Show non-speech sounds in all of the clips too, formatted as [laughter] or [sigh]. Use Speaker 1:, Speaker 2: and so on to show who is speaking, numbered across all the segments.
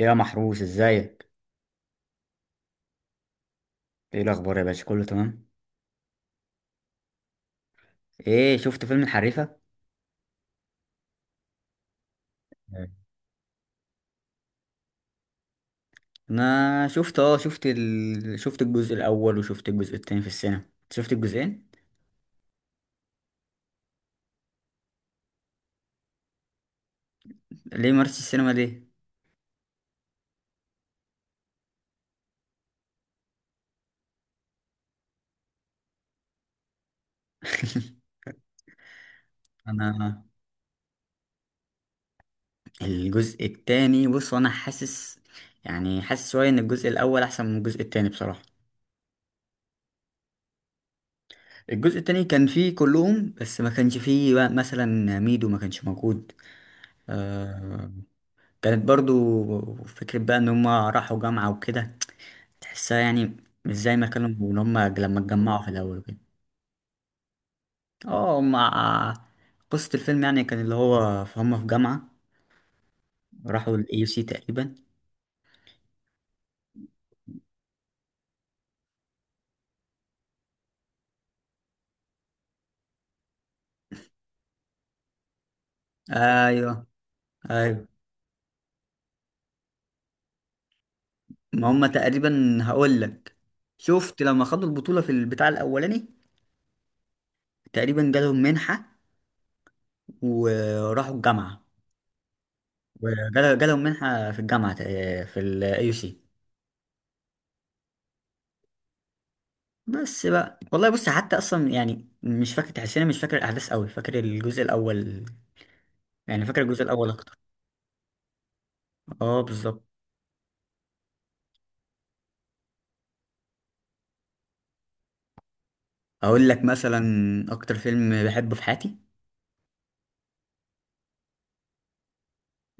Speaker 1: يا محروس، ازيك؟ ايه الاخبار يا باشا؟ كله تمام؟ ايه، شفت فيلم الحريفه؟ يعني. انا شفت اه شفت ال... شفت الجزء الاول وشفت الجزء التاني في السينما، شفت الجزئين. ليه ما رحتش السينما، ليه؟ [laughs] انا الجزء التاني، بص انا حاسس، يعني حاسس شويه ان الجزء الاول احسن من الجزء التاني بصراحه. الجزء التاني كان فيه كلهم، بس ما كانش فيه بقى مثلا ميدو، ما كانش موجود آه كانت برضو فكرة بقى ان هما راحوا جامعة وكده، تحسها يعني، مش زي ما كانوا اللي هما لما اتجمعوا في الأول كده. اه، قصة الفيلم يعني كان اللي هو هما في جامعة، راحوا ال AUC تقريبا. أيوه، أيوه، ما هما تقريبا هقول لك، شفت لما خدوا البطولة في البتاع الأولاني، تقريبا جالهم منحة وراحوا الجامعة، جالهم منحة في الجامعة في ال AUC. بس بقى والله، بص، حتى أصلا يعني مش فاكر، تحسيني مش فاكر الأحداث أوي، فاكر الجزء الأول، يعني فاكر الجزء الأول. اه، بالظبط. اقول لك مثلا اكتر فيلم بحبه في حياتي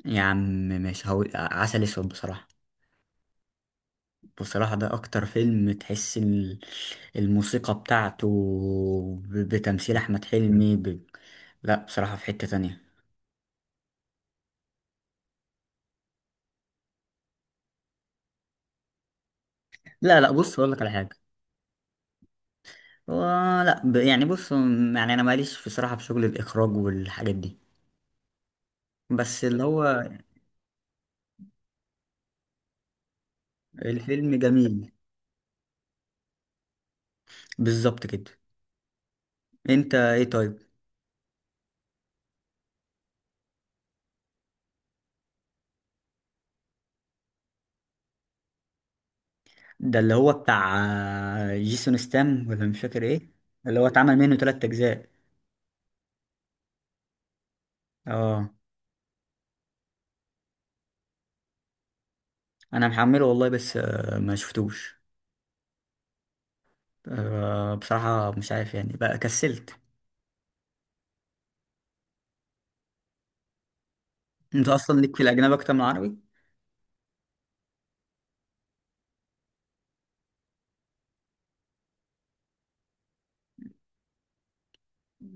Speaker 1: يا عم، مش هقول عسل اسود بصراحه. بصراحه ده اكتر فيلم، تحس الموسيقى بتاعته، بتمثيل احمد حلمي لا، بصراحه في حته تانية. لا، لا، بص اقول لك على حاجه. هو، لا، يعني بص، يعني انا ماليش بصراحه في شغل الاخراج والحاجات دي. بس اللي هو الفيلم جميل، بالظبط كده. انت ايه، طيب؟ ده اللي هو بتاع، جيسون ستام ولا مش فاكر ايه، اللي هو اتعمل منه تلات اجزاء. اه، انا محمله والله، بس ما شفتوش. بصراحة مش عارف يعني، بقى كسلت. انت اصلا ليك في الاجنبي اكتر من العربي؟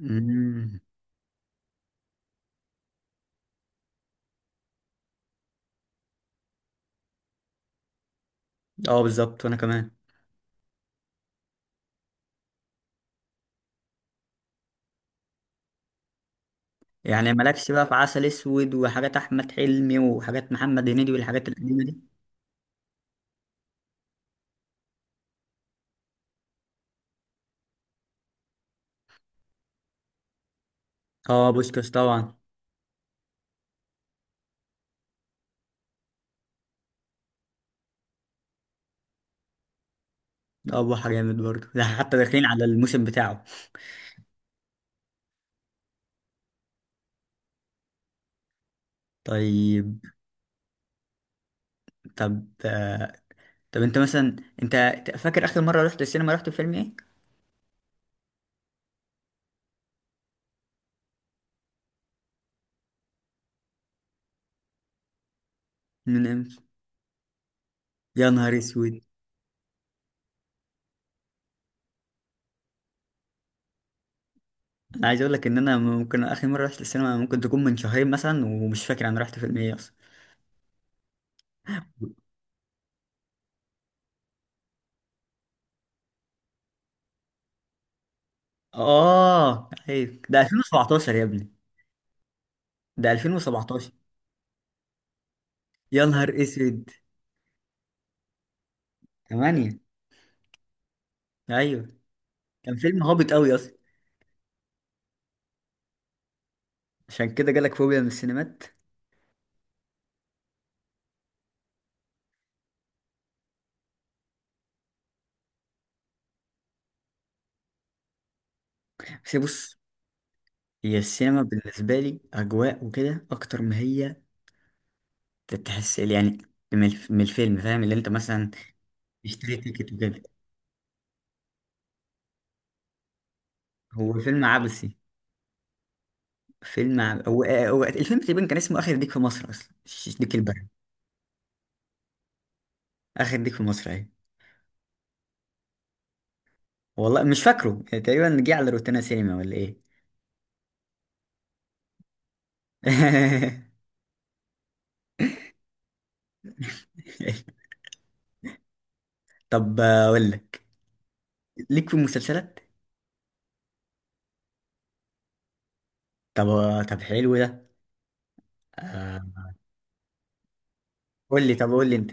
Speaker 1: مم. اه، بالظبط وانا كمان. يعني مالكش بقى في عسل اسود وحاجات احمد حلمي وحاجات محمد هنيدي والحاجات القديمة دي؟ اه، بوشكاش طبعا. اه، بحر جامد برضه ده، حتى داخلين على الموسم بتاعه. طيب. طب آه، طب، انت مثلا، انت فاكر اخر مره رحت السينما، رحت فيلم ايه؟ من امتى؟ يا نهار اسود. انا عايز اقول لك ان انا، ممكن اخر مره رحت السينما ممكن تكون من شهرين مثلا، ومش فاكر انا رحت فيلم ايه اصلا. اه، ايوه، ده 2017 يا ابني. ده 2017. يا نهار اسود. 8. ايوه. كان فيلم هابط قوي اصلا. عشان كده جالك فوبيا من السينمات. بس بص، هي السينما بالنسبه لي اجواء وكده اكتر، ما هي تحس يعني من الفيلم، فاهم، اللي انت مثلا تشتري تيكت وكده. هو فيلم عبثي، فيلم عب... هو... آه، هو الفيلم تقريبا كان اسمه اخر ديك في مصر اصلا، مش ديك البر. اخر ديك في مصر، اهي. والله مش فاكره، يعني تقريبا جه على روتانا سينما ولا ايه؟ [laughs] طب اقول لك، ليك في المسلسلات؟ طب. حلو ده. آه، قول لي، طب قول لي انت،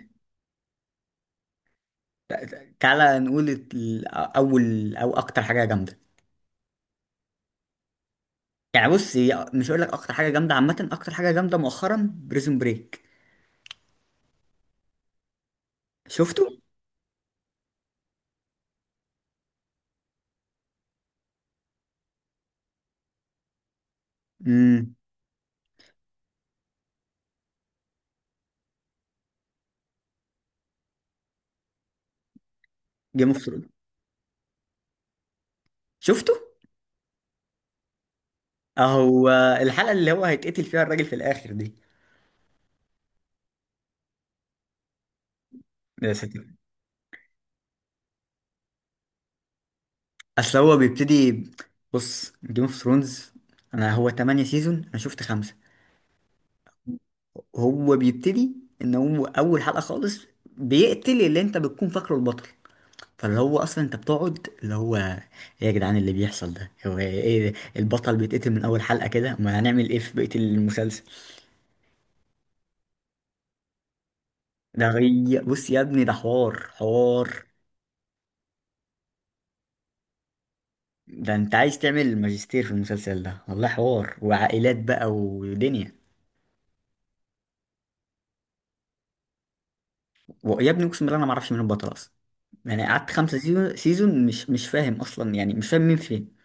Speaker 1: تعالى نقول اول او اكتر حاجه جامده. يعني بص، هي مش هقول لك اكتر حاجه جامده عامه، اكتر حاجه جامده مؤخرا بريزون بريك. شفته؟ امم. جيم اوف ثرونز. شفته. اهو. الحلقه اللي هو هيتقتل فيها الراجل في الاخر دي. يا ساتر. اصل هو بيبتدي بص، جيم اوف ثرونز انا، هو 8 سيزون، انا شفت خمسة. هو بيبتدي ان هو اول حلقه خالص بيقتل اللي انت بتكون فاكره البطل. فاللي هو اصلا انت بتقعد اللي هو ايه، يا جدعان اللي بيحصل ده هو ايه ده؟ البطل بيتقتل من اول حلقه كده، ما هنعمل ايه في بقيه المسلسل. بص يا ابني، ده حوار حوار، ده انت عايز تعمل ماجستير في المسلسل ده والله، حوار وعائلات بقى ودنيا. ويا ابني اقسم بالله انا ما اعرفش مين البطل اصلا، يعني قعدت 5 سيزون سيزون، مش فاهم اصلا، يعني مش فاهم مين فين.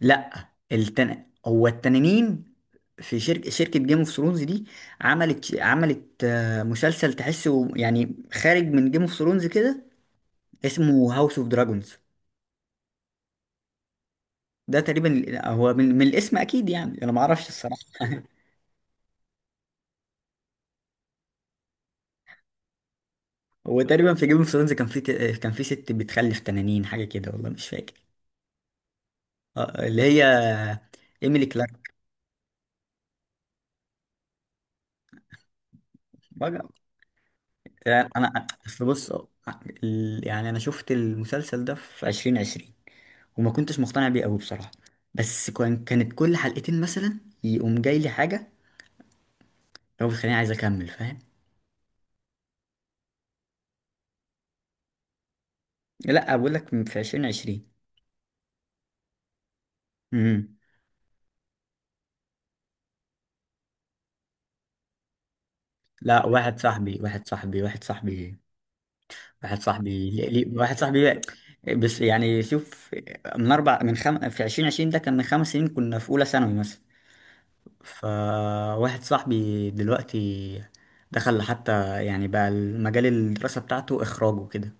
Speaker 1: لا، التنانين، في شركة جيم اوف ثرونز دي، عملت مسلسل تحسه يعني خارج من جيم اوف ثرونز كده، اسمه هاوس اوف دراجونز. ده تقريبا هو من الاسم اكيد، يعني انا ما اعرفش الصراحة. [laughs] هو تقريبا في جيم اوف ثرونز كان في ت... آه، كان في ست بتخلف تنانين، حاجه كده والله مش فاكر. اللي هي ايميلي كلارك. بقى- يعني انا اصل، بص، يعني انا شفت المسلسل ده في 2020، وما كنتش مقتنع بيه قوي بصراحه. بس كانت كل حلقتين مثلا يقوم جاي لي حاجه، هو بتخليني عايز اكمل، فاهم. لا، بقول لك في 2020. امم. لا، واحد صاحبي. ليه، واحد صاحبي. بس يعني شوف، من اربع من خم... في 2020 ده كان من 5 سنين، كنا في اولى ثانوي مثلا. فواحد صاحبي دلوقتي، دخل حتى، يعني بقى المجال الدراسة بتاعته اخراج وكده.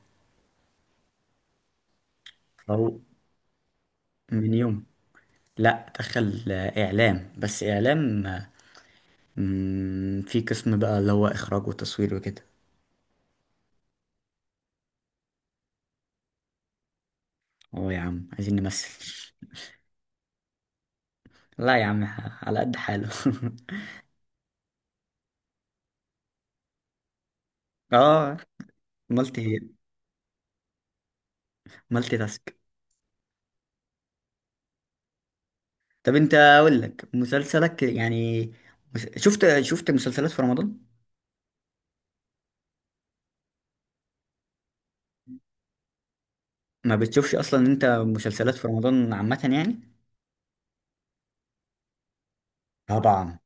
Speaker 1: فهو من يوم. لا، دخل اعلام، بس اعلام. في قسم بقى اللي هو اخراج وتصوير وكده. اه يا عم، عايزين نمثل. لا يا عم، على قد حاله. [laughs] اه. مالتي مالتي تاسك. طب انت، اقول لك مسلسلك يعني. شفت مسلسلات في رمضان؟ ما بتشوفش اصلا انت مسلسلات في رمضان عامة يعني؟ طبعا.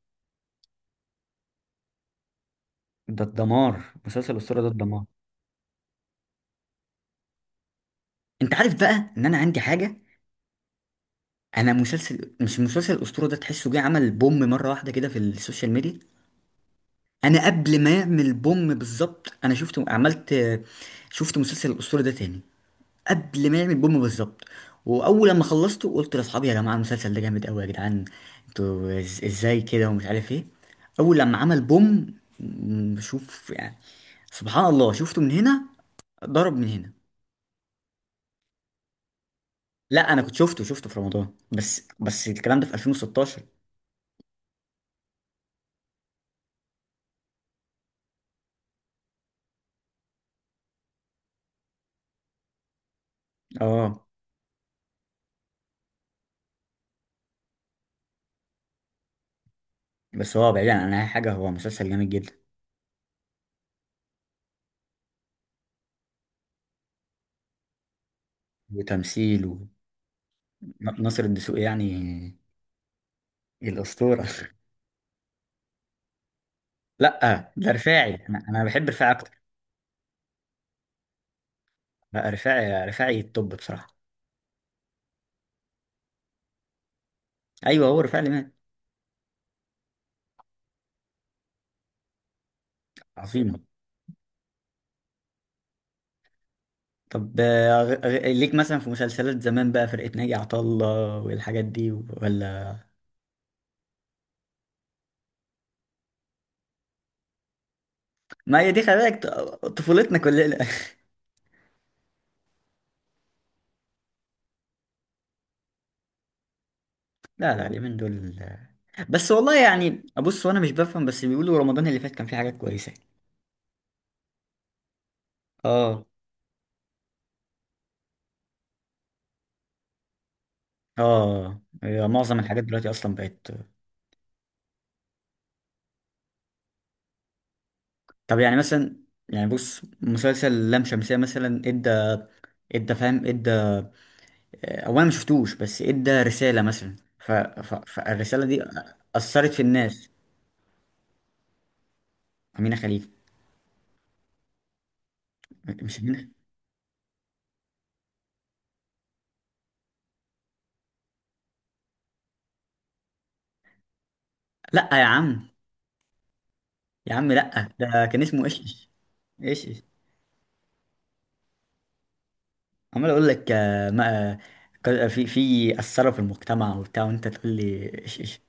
Speaker 1: ده الدمار، مسلسل الأسطورة ده الدمار. انت عارف بقى ان انا عندي حاجة؟ انا مسلسل، مش مسلسل الأسطورة ده تحسه جه عمل بوم مرة واحدة كده في السوشيال ميديا. انا قبل ما يعمل بوم بالظبط، انا شفت مسلسل الأسطورة ده تاني قبل ما يعمل بوم بالظبط. واول لما خلصته، قلت لاصحابي: يا جماعه، المسلسل ده جامد قوي يا جدعان، انتوا ازاي كده، ومش عارف ايه. اول لما عمل بوم، شوف يعني، سبحان الله، شفته من هنا، ضرب من هنا. لا انا كنت شفته في رمضان، بس الكلام ده في 2016. اه بس، هو بعيدا عن اي حاجه هو مسلسل جامد جدا. وتمثيل. وناصر الدسوقي يعني. الاسطوره. [laughs] لا، ده رفاعي، انا بحب رفاعي اكتر. لا، رفاعي، رفاعي التوب بصراحه. ايوه، هو رفاعي اللي مات. عظيمه. طب، ليك مثلا في مسلسلات زمان بقى فرقة ناجي عطا الله والحاجات دي، ولا؟ ما هي دي، خلي بالك، طفولتنا كلنا. [laughs] لا، لا، اليومين دول آه. بس والله يعني، بص، وانا مش بفهم، بس بيقولوا رمضان اللي فات كان فيه حاجات كويسة. اه. اه، هي معظم الحاجات دلوقتي اصلا بقت. طب يعني مثلا، يعني بص مسلسل لام شمسية مثلا، ادى، ادى فاهم ادى، اولا ما شفتوش، بس ادى رسالة مثلا، فالرسالة دي أثرت في الناس. أمينة خليل. مش أمينة. لأ يا عم، يا عم لأ، ده كان اسمه إيش. إيش إيش. عمال أقول لك ما في أثروا في المجتمع وبتاع، وأنت تقول لي إيش إيش.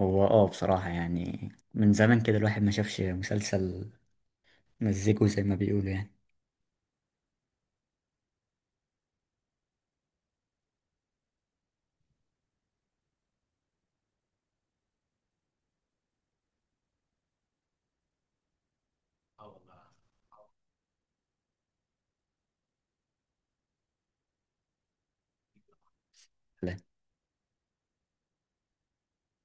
Speaker 1: هو بصراحة يعني من زمان كده الواحد ما شافش مسلسل، مزيكو زي ما بيقولوا، يعني